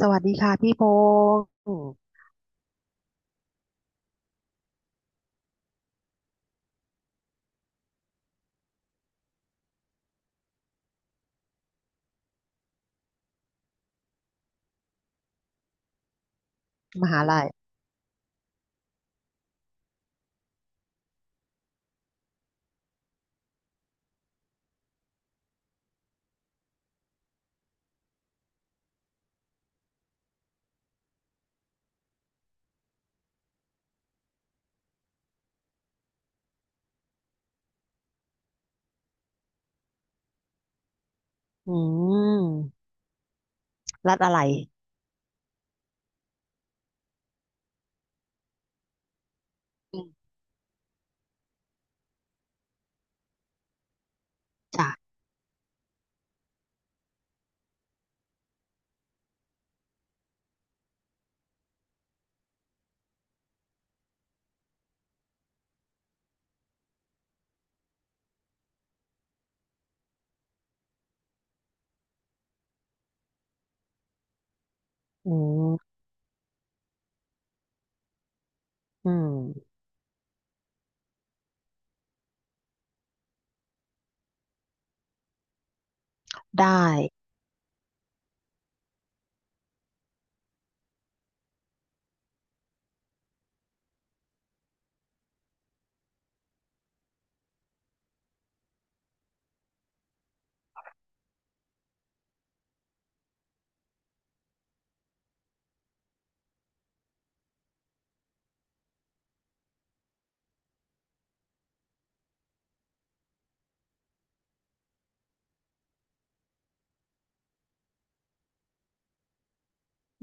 สวัสดีค่ะพี่พงศ์มหาลัยอืมรัฐอะไรอืมจ้ะอืมอืมได้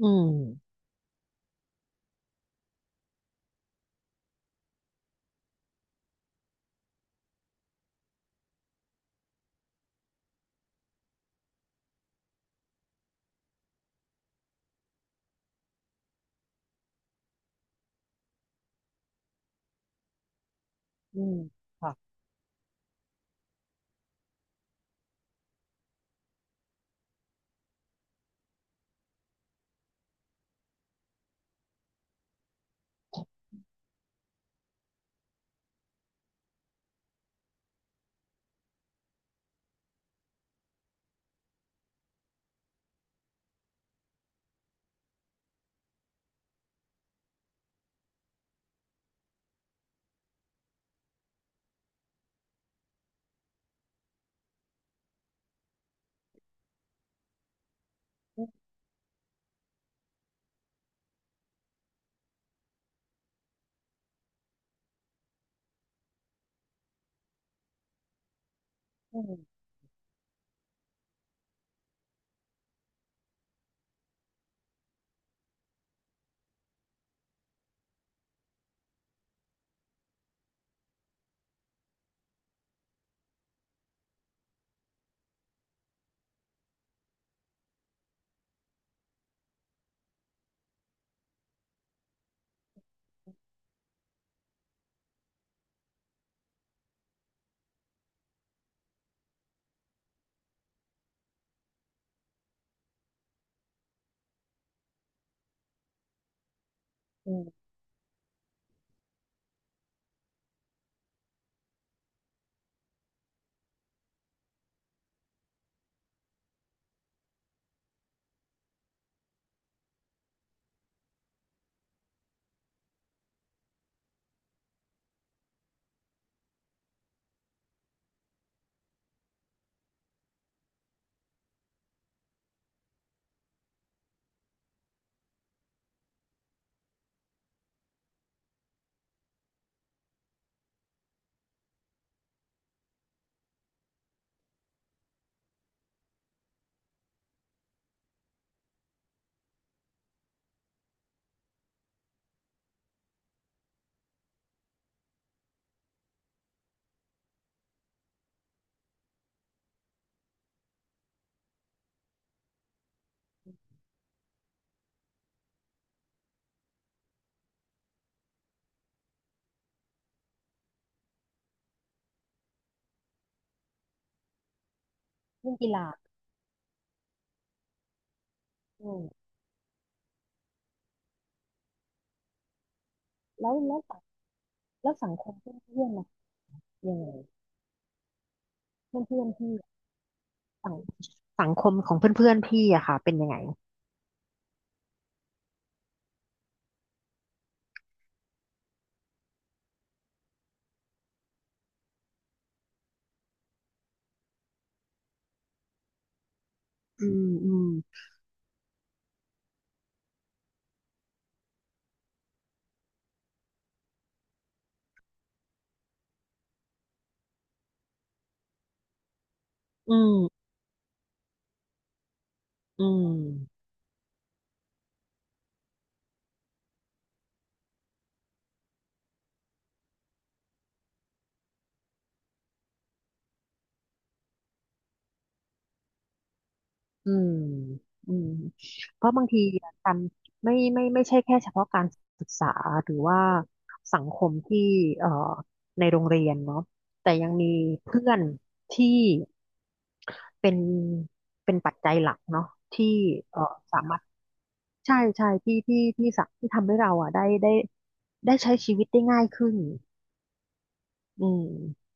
อืมอืมค่ะอืมอืมเรื่องกีฬาอืมแล้วแล้วสังแล้วสังคมเพื่อนเพื่อนล่ะยังไงเพื่อนเพื่อนพี่สังสังคมของเพื่อนๆพอนพี่อะค่ะเป็นยังไงอืมอืมอืมอืม อืมอืมเพราะบางทีการไม่ใช่แค่เฉพาะการศึกษาหรือว่าสังคมที่เอ่อในโรงเรียนเนาะแต่ยังมีเพื่อนที่เป็นเป็นปัจจัยหลักเนาะที่เอ่อสามารถใช่ใช่ที่สักที่ทำให้เราอ่ะได้ใช้ชีวิตได้ง่ายขึ้นอืม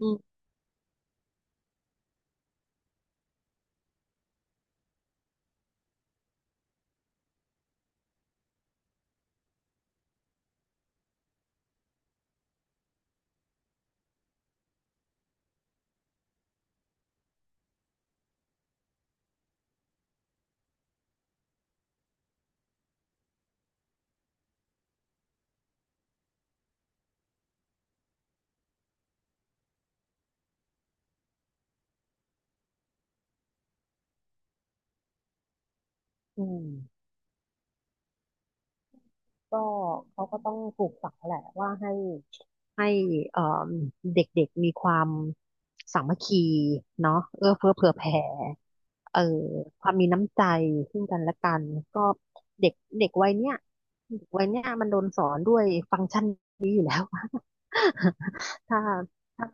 อืมอืมก็เขาก็ต้องปลูกฝังแหละว่าให้เอ่เด็กๆมีความสามัคคีเนาะเอื้อเฟื้อเผื่อแผ่เอ่อความมีน้ำใจซึ่งกันและกันก็เด็กเด็กวัยเนี้ยเด็กวัยเนี้ยมันโดนสอนด้วยฟังก์ชันนี้อยู่แล้ว ถ้าถ้า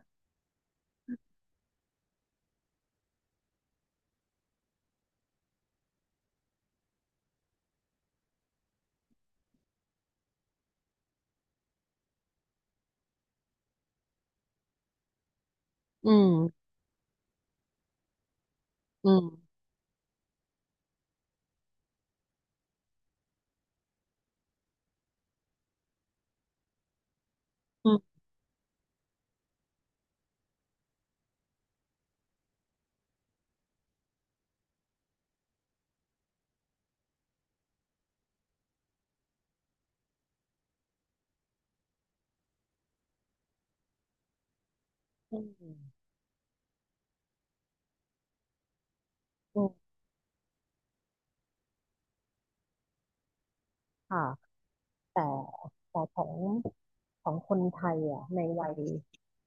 อืมอืมอืมอืมอืมค่ะแต่แต่ของคนไทยอ่ะในวัย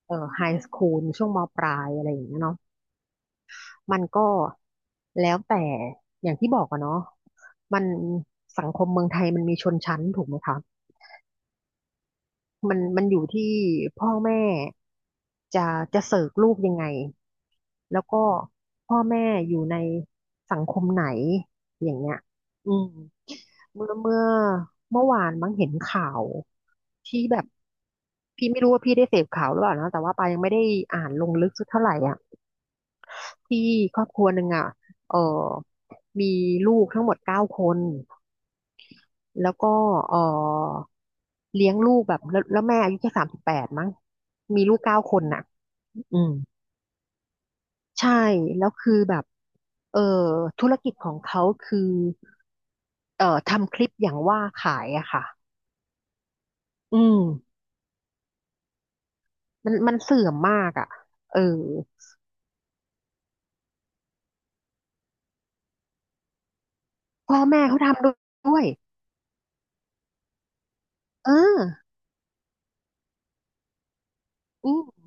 ไฮสคูลช่วงมปลายอะไรอย่างเงี้ยเนาะ มันก็แล้วแต่อย่างที่บอกอะเนาะมันสังคมเมืองไทยมันมีชนชั้นถูกไหมคะมันอยู่ที่พ่อแม่จะจะเสิร์ฟลูกยังไงแล้วก็พ่อแม่อยู่ในสังคมไหนอย่างเงี้ยอืมเมื่อเมื่อเมื่อวานมั้งเห็นข่าวที่แบบพี่ไม่รู้ว่าพี่ได้เสพข่าวหรือเปล่านะแต่ว่าปายังไม่ได้อ่านลงลึกสักเท่าไหร่อ่ะ ที่ครอบครัวหนึ่งอ่ะเออมีลูกทั้งหมดเก้าคน แล้วก็เออเลี้ยงลูกแบบแล้วแม่อายุแค่38มั้งมีลูกเก้าคนน่ะอืมใช่ แล้วคือแบบเออธุรกิจของเขาคือทำคลิปอย่างว่าขายอะค่ะอืมมันเสื่อมมากอะเออพ่อแม่เขาทำด้วยเอออืม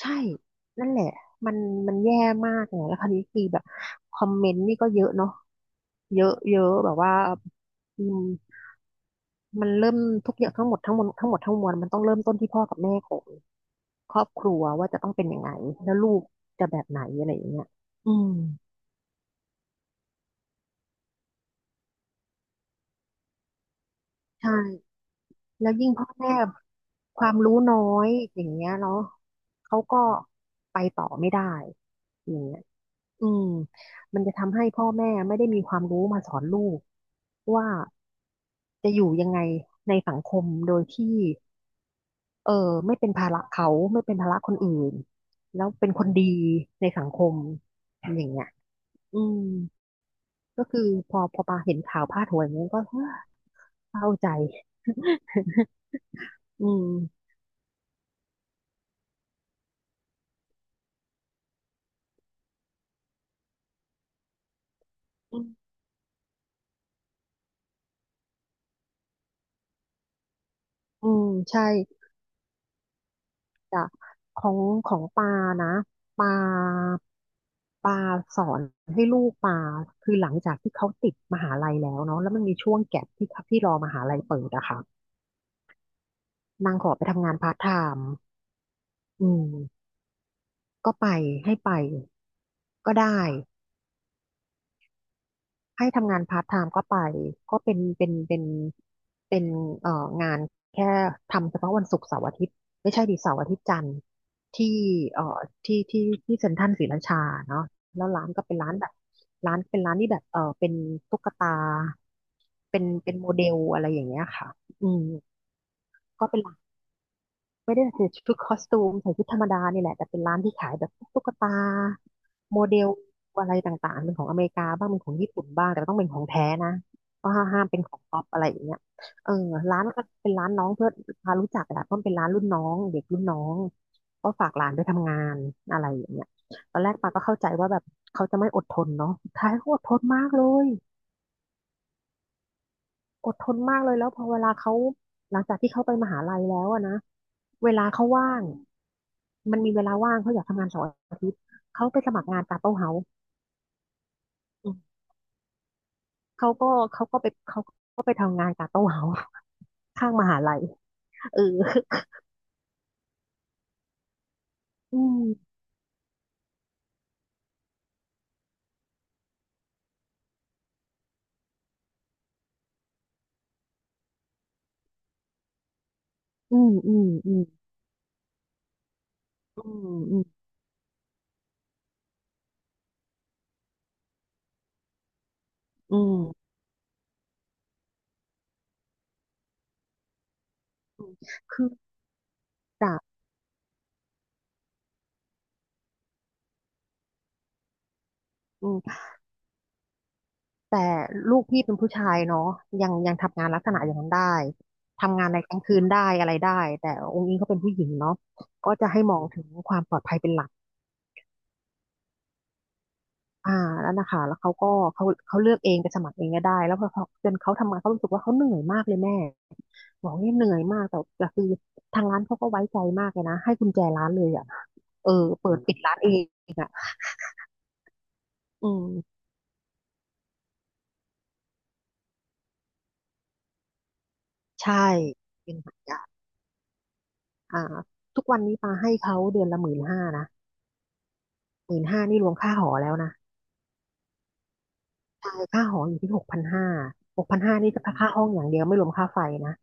ใช่ นั่นแหละ มันมันแย่มากเนี่ยแล้วคราวนี้คือแบบคอมเมนต์นี่ก็เยอะเนาะเยอะเยอะแบบว่าอืมมันเริ่มทุกอย่างทั้งหมดทั้งมวลทั้งหมดทั้งมวลมันต้องเริ่มต้นที่พ่อกับแม่ของครอบครัวว่าจะต้องเป็นยังไงแล้วลูกจะแบบไหนอะไรอย่างเงี้ยอืมใช่แล้วยิ่งพ่อแม่ความรู้น้อยอย่างเงี้ยเนาะเขาก็ไปต่อไม่ได้อย่างเงี้ย อืมมันจะทำให้พ่อแม่ไม่ได้มีความรู้มาสอนลูกว่าจะอยู่ยังไงในสังคมโดยที่เออไม่เป็นภาระเขาไม่เป็นภาระคนอื่นแล้วเป็นคนดีในสังคมอย่างเงี้ยอืมก็คือพอปาเห็นข่าวพาดหัวอย่างเงี้ยก็เศร้าใจ อืม อืมใช่ จ้ะของของปานะปาปาสอนให้ลูกปาคือหลังจากที่เขาติดมหาลัยแล้วเนาะแล้วมันมีช่วงแก็ปที่เขาที่รอมหาลัยเปิดอะค่ะนางขอไปทำงานพาร์ทไทม์อืมก็ไปให้ไปก็ได้ ให้ทำงานพาร์ทไทม์ก็ไปก็เป็นเอ่องานแค่ทำเฉพาะวันศุกร์เสาร์อาทิตย์ไม่ใช่ดิเสาร์อาทิตย์จันทร์ที่เอ่อที่ที่ที่เซ็นทรัลศรีราชาเนาะแล้วร้านก็เป็นร้านแบบร้านเป็นร้านที่แบบเป็นตุ๊กตาเป็นโมเดลอะไรอย่างเงี้ยค่ะอืมก็เป็นร้าน ไม่ได้ใส่ชุดคอสตูมใส่ชุดธรรมดานี่แหละแต่เป็นร้านที่ขายแบบพวกตุ๊กตาโมเดลอะไรต่างๆเป็นของอเมริกาบ้างเป็นของญี่ปุ่นบ้างแต่ต้องเป็นของแท้นะก็ห้ามห้ามเป็นของป๊อปอะไรอย่างเงี้ยเออร้านก็เป็นร้านน้องเพื่อนพารู้จักแหละเพราะมันเป็นร้านรุ่นน้องเด็กรุ่นน้องก็ฝากหลานไปทำงานอะไรอย่างเงี้ยตอนแรกปาก็เข้าใจว่าแบบเขาจะไม่อดทนเนาะสุดท้ายเขาอดทนมากเลย อดทนมากเลยแล้วพอเวลาเขาหลังจากที่เขาไปมหาลัยแล้วอะนะเวลาเขาว่างมันมีเวลาว่างเขาอยากทำงานเสาร์อาทิตย์เขาไปสมัครงานกาโต้เฮาส์อืมเขาก็เขาก็ไปทำงานกาโต้เฮาส์ข้างมหาลัยเอออืมอืมอืมอืมอืมอืมอืมคือจากอืม แต่ลูกพี่เป็นผู้ชายเนาะยังทำงานลักษณะอย่างนั้นได้ทำงานในกลางคืนได้อะไรได้แต่องค์อิงเขาเป็นผู้หญิงเนาะก็จะให้มองถึงความปลอดภัยเป็นหลักอ่าแล้วนะคะแล้วเขาก็เขาเลือกเองไปสมัครเองก็ได้แล้วพอเขาจนเขาทำงานเขารู้สึกว่าเขาเหนื่อยมากเลยแม่บอกเนี่ยเหนื่อยมากแต่คือทางร้านเขาก็ไว้ใจมากเลยนะให้กุญแจร้านเลยอ่ะเออเปิดปิดร้านเองอ่ะอืมใช่เป็นหักยากอ่าทุกวันนี้ปาให้เขาเดือนละหมื่นห้านะ หมื่นห้านี่รวมค่าหอแล้วนะใช่ค่าหออยู่ที่หกพันห้าหกพันห้านี่จะอค่าห้องอย่างเดียวไม่รวมค่าไฟนะ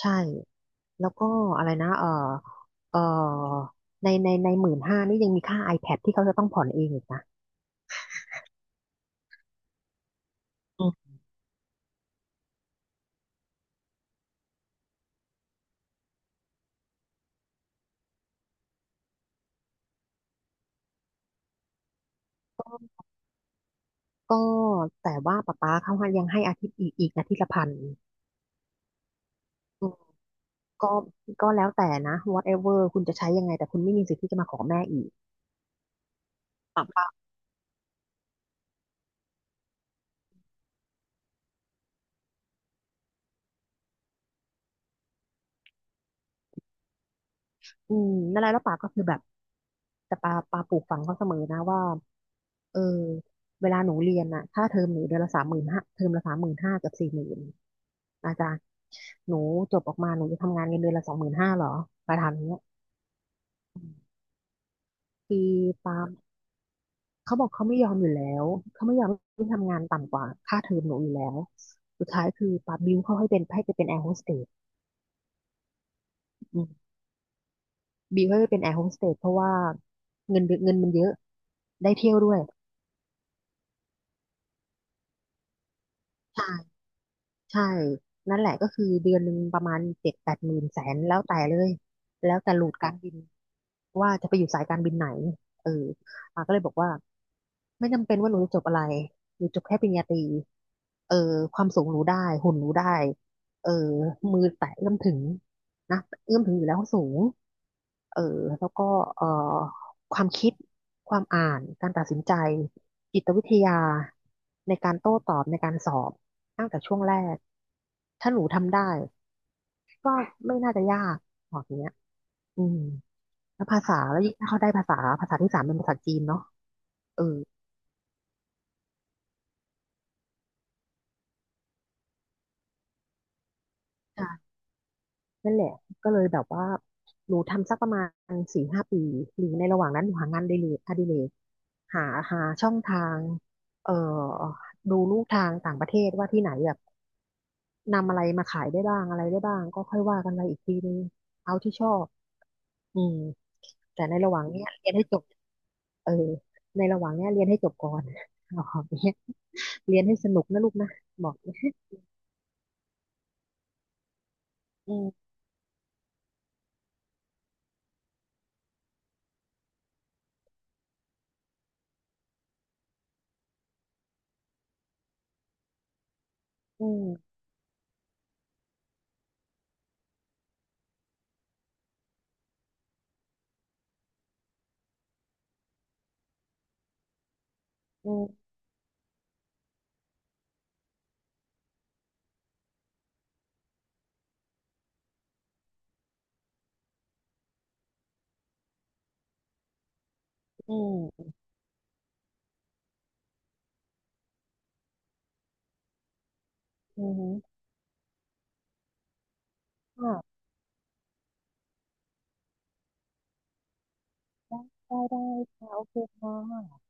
ใช่แล้วก็อะไรนะเออเออในหมื่นห้านี่ยังมีค่า iPad ที่เขาจะต้องผ่อนเองอีกนะอืมก็แต่ว่าป๊าเขายังให้อาทิตย์อีกอาทิตย์ละ 1,000อืมก็ก็แล้วแต่นะ whatever คุณจะใช้ยังไงแต่คุณไม่มีสิทธิ์ที่จะมาขอแม่อีกป๊าอืมนั่นแหละแล้วป๊าก็คือแบบแต่ป๊าปลูกฝังเขาเสมอนะว่า เออเวลาหนูเรียนน่ะค่าเทอมหนูเดือนละสามหมื่นห้าเทอมละสามหมื่นห้ากับ40,000อาจารย์หนูจบออกมาหนูจะทำงานเงินเดือนละ25,000หรอมาถามอย่างเนี้ยคือปาล์มเขาบอกเขาไม่ยอมอยู่แล้วเขาไม่ยอมให้ทำงานต่ำกว่าค่าเทอมหนูอยู่แล้วสุดท้ายคือปาล์มบิวเขาให้เป็นให้ไปเป็นแอร์โฮสเตสอืมบิวให้ไปเป็นแอร์โฮสเตสเพราะว่าเงินเดือนเงินมันเยอะได้เที่ยวด้วยใช่ ใช่ นั่นแหละก็คือเดือนหนึ่งประมาณ70,000-80,000 ถึงแสนแล้วแต่เลย แล้วแต่โหลูดการบิน ว่าจะไปอยู่สายการบินไหนเอออ่าก็เลยบอกว่าไม่จำเป็นว่าหนูจะจบอะไรหนูจบแค่ปริญญาตรีเออความสูงหนูได้ หุ่นหนูได้เออมือแตะเอื้อมถึงนะเอื้อมถึงอยู่แล้วสูงเออแล้วก็เอ่อความคิด ความอ่าน การตัดสินใจจิตวิทยาในการโต้ตอบในการสอบตั้งแต่ช่วงแรก ถ้าหนูทำได้ก็ไม่น่าจะยากบอกอย่างเงี้ยอืม แล้วภาษาแล้วยิ่งถ้าเขาได้ภาษาที่สามเป็นภาษาจีนเนาะเออใช่นั่นแหละก็เลยแบบว่าหนูทำสักประมาณ4-5 ปีหรือในระหว่างนั้นหนูหางานอดิเรกหาหาช่องทางเอ่อดูลูกทางต่างประเทศว่าที่ไหนแบบนำอะไรมาขายได้บ้างอะไรได้บ้างก็ค่อยว่ากันไปอีกทีนึงเอาที่ชอบอืมแต่ในระหว่างเนี้ยเรียนให้จบเออในระหว่างเนี้ยเรียนให้จบก่อน บอกเนี้ยเรียนให้สนุกนะลูกนะบอกอืม อืมอืมอืมอืมค่ะได้ได้ได้ค่ะโอเคค่ะ